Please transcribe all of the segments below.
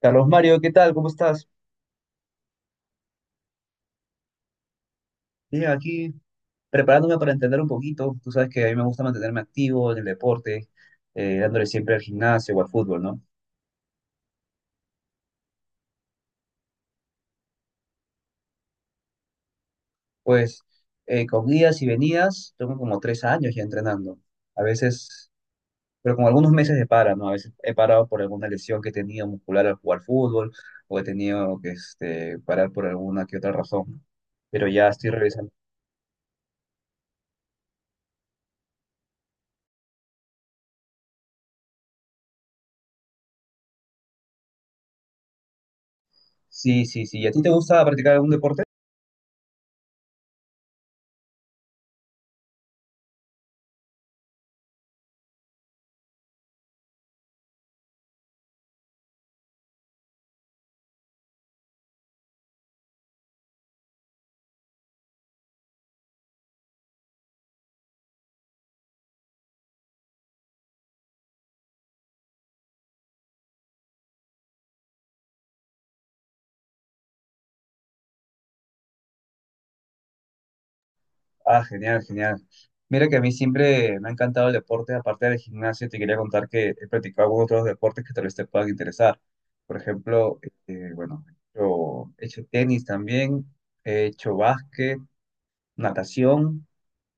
Carlos Mario, ¿qué tal? ¿Cómo estás? Bien, aquí preparándome para entender un poquito. Tú sabes que a mí me gusta mantenerme activo en el deporte, dándole siempre al gimnasio o al fútbol, ¿no? Pues con idas y venidas, tengo como 3 años ya entrenando. A veces, pero con algunos meses de para, ¿no? A veces he parado por alguna lesión que he tenido muscular al jugar fútbol o he tenido que parar por alguna que otra razón, ¿no? Pero ya estoy regresando. Sí, sí, sí. ¿Y a ti te gusta practicar algún deporte? Ah, genial, genial. Mira que a mí siempre me ha encantado el deporte, aparte del gimnasio, te quería contar que he practicado algunos otros deportes que tal vez te puedan interesar. Por ejemplo, bueno, yo he hecho tenis también, he hecho básquet, natación,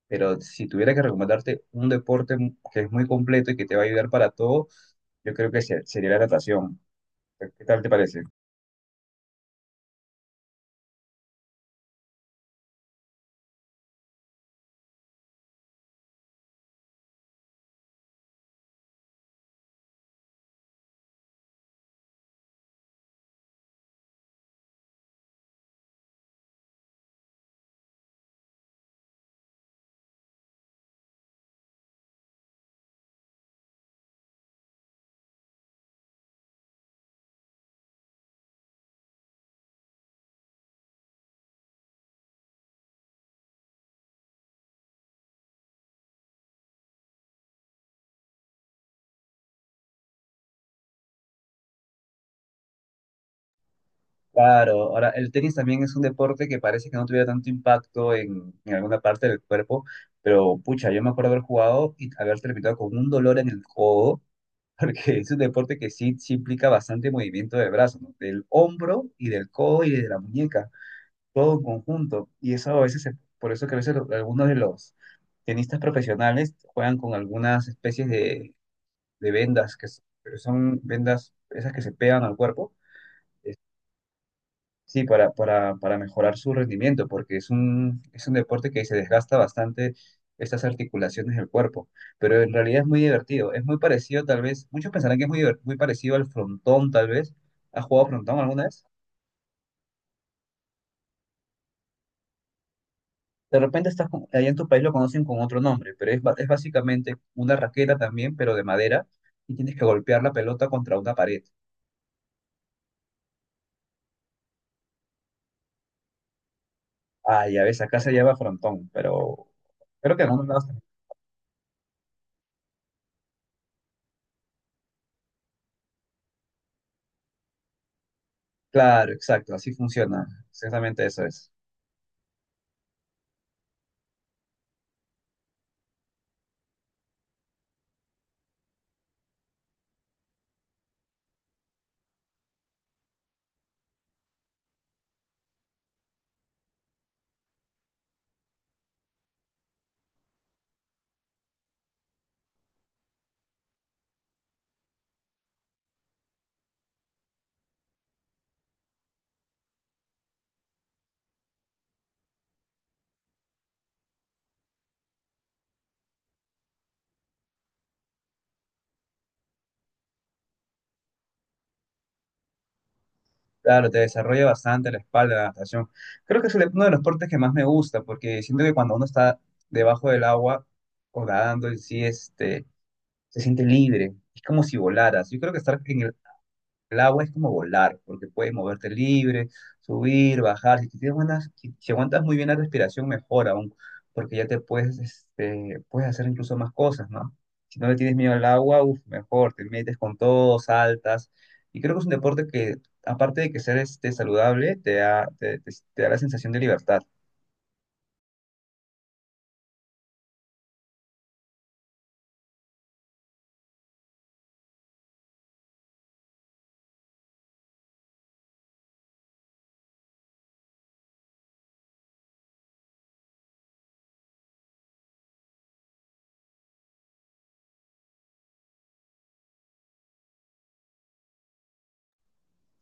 pero si tuviera que recomendarte un deporte que es muy completo y que te va a ayudar para todo, yo creo que sería la natación. ¿Qué tal te parece? Claro, ahora el tenis también es un deporte que parece que no tuviera tanto impacto en alguna parte del cuerpo, pero pucha, yo me acuerdo haber jugado y haber terminado con un dolor en el codo, porque es un deporte que sí, sí implica bastante movimiento del brazo, ¿no? Del hombro y del codo y de la muñeca, todo en conjunto. Y eso a veces, por eso que a veces algunos de los tenistas profesionales juegan con algunas especies de vendas, que son vendas esas que se pegan al cuerpo. Sí, para mejorar su rendimiento, porque es un deporte que se desgasta bastante estas articulaciones del cuerpo, pero en realidad es muy divertido, es muy parecido tal vez, muchos pensarán que es muy, muy parecido al frontón tal vez, ¿has jugado frontón alguna vez? De repente allá en tu país lo conocen con otro nombre, pero es, es básicamente una raqueta también, pero de madera, y tienes que golpear la pelota contra una pared. Ah, ya ves, acá se llama frontón, pero creo que en algunos lados también. Claro, exacto, así funciona, exactamente eso es. Claro, te desarrolla bastante la espalda, la natación. Creo que uno de los deportes que más me gusta, porque siento que cuando uno está debajo del agua o nadando en sí, se siente libre. Es como si volaras. Yo creo que estar en el agua es como volar, porque puedes moverte libre, subir, bajar. Si, tienes buenas, si aguantas muy bien la respiración, mejor aún, porque ya te puedes, puedes hacer incluso más cosas, ¿no? Si no le tienes miedo al agua, uf, mejor, te metes con todo, saltas. Y creo que es un deporte que, aparte de que ser saludable, te da, te, te da la sensación de libertad.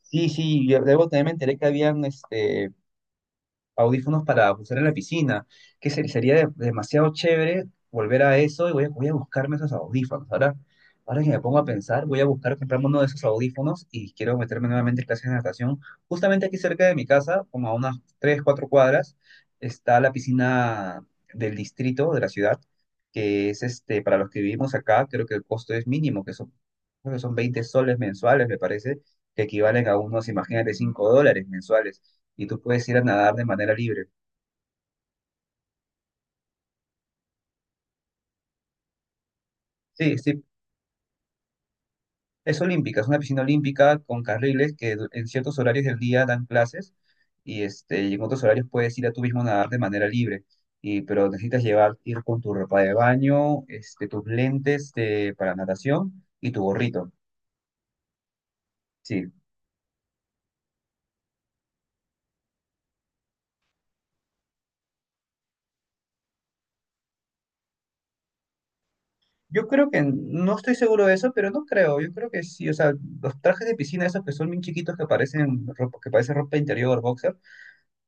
Sí, sí, yo debo también me enteré que habían audífonos para usar en la piscina, que sería demasiado chévere volver a eso y voy a, voy a buscarme esos audífonos. Ahora, ahora que me pongo a pensar, voy a buscar comprarme uno de esos audífonos y quiero meterme nuevamente en clases de natación. Justamente aquí cerca de mi casa, como a unas 3, 4 cuadras, está la piscina del distrito de la ciudad, que es para los que vivimos acá, creo que el costo es mínimo, que son, creo que son 20 soles mensuales, me parece, que equivalen a unos, imagínate, 5 dólares mensuales y tú puedes ir a nadar de manera libre. Sí, sí, es olímpica, es una piscina olímpica con carriles que en ciertos horarios del día dan clases y, y en otros horarios puedes ir a tú mismo a nadar de manera libre. Y, pero necesitas llevar, ir con tu ropa de baño, tus lentes para natación y tu gorrito. Sí, yo creo que no estoy seguro de eso, pero no creo. Yo creo que sí, o sea, los trajes de piscina, esos que son bien chiquitos que parecen ropa interior, boxer.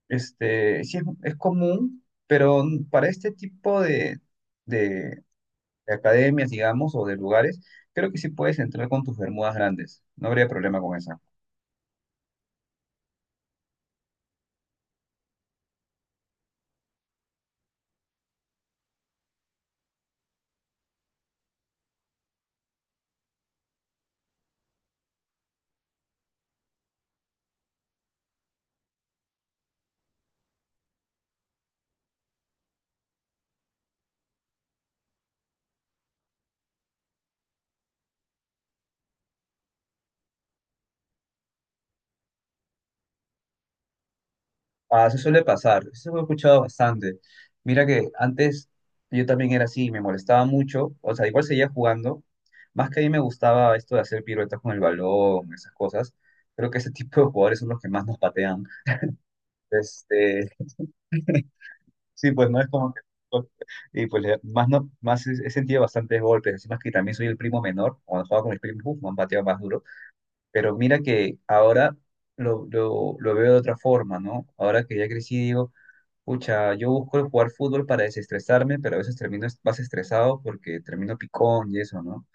Sí, es común, pero para este tipo de, de- de academias, digamos, o de lugares, creo que sí puedes entrar con tus bermudas grandes. No habría problema con esa. Ah, eso suele pasar, eso lo he escuchado bastante. Mira que antes yo también era así, me molestaba mucho, o sea, igual seguía jugando, más que a mí me gustaba esto de hacer piruetas con el balón, esas cosas. Creo que ese tipo de jugadores son los que más nos patean. Este, Sí, pues no es como que... pues, y pues más, no, más he sentido bastantes golpes, encima que también soy el primo menor, cuando jugaba con mis primos, uf, me han pateado más duro, pero mira que ahora lo veo de otra forma, ¿no? Ahora que ya crecí digo, pucha, yo busco el jugar fútbol para desestresarme, pero a veces termino más estresado porque termino picón y eso, ¿no?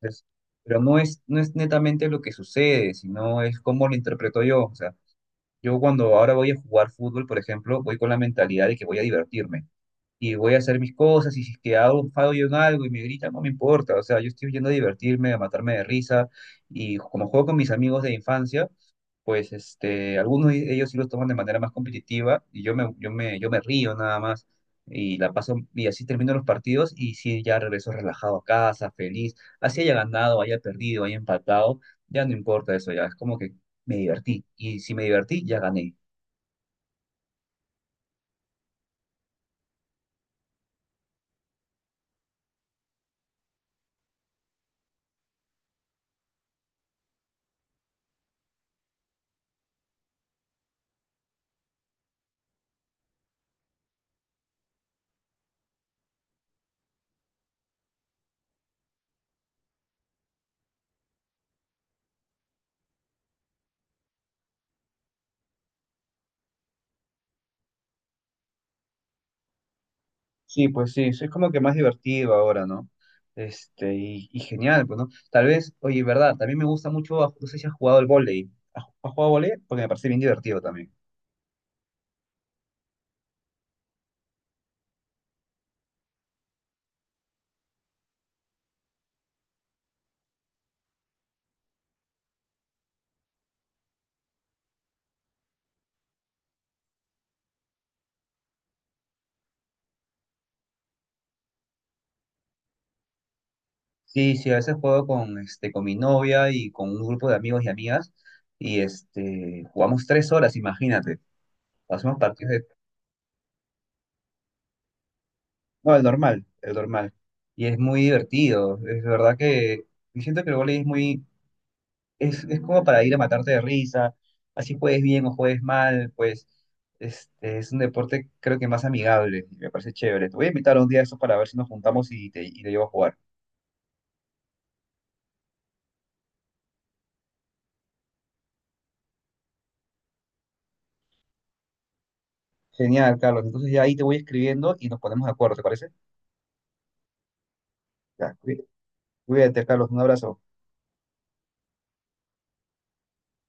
Entonces, pero no es, no es netamente lo que sucede, sino es cómo lo interpreto yo, o sea, yo cuando ahora voy a jugar fútbol, por ejemplo, voy con la mentalidad de que voy a divertirme y voy a hacer mis cosas, y si es que hago un fallo en algo y me gritan, no me importa, o sea, yo estoy yendo a divertirme, a matarme de risa, y como juego con mis amigos de infancia, pues algunos de ellos sí los toman de manera más competitiva, y yo me río nada más, y la paso, y así termino los partidos, y sí, ya regreso relajado a casa, feliz, así haya ganado, haya perdido, haya empatado, ya no importa eso, ya es como que me divertí, y si me divertí, ya gané. Sí, pues sí, sí, es como que más divertido ahora, ¿no? Y, y genial, pues, ¿no? Tal vez, oye, verdad, también me gusta mucho, ah, no sé si has jugado el vóley. ¿ has jugado vóley? Porque me parece bien divertido también. Sí, sí, a veces juego con, con mi novia y con un grupo de amigos y amigas, y jugamos 3 horas, imagínate. Hacemos partidos de... No, el normal, el normal. Y es muy divertido, es verdad que... Yo siento que el vóley es muy, es como para ir a matarte de risa, así juegues bien o juegues mal, pues es un deporte creo que más amigable, y me parece chévere. Te voy a invitar un día a eso para ver si nos juntamos y y te llevo a jugar. Genial, Carlos. Entonces ya ahí te voy escribiendo y nos ponemos de acuerdo, ¿te parece? Ya, cuídate, Carlos. Un abrazo.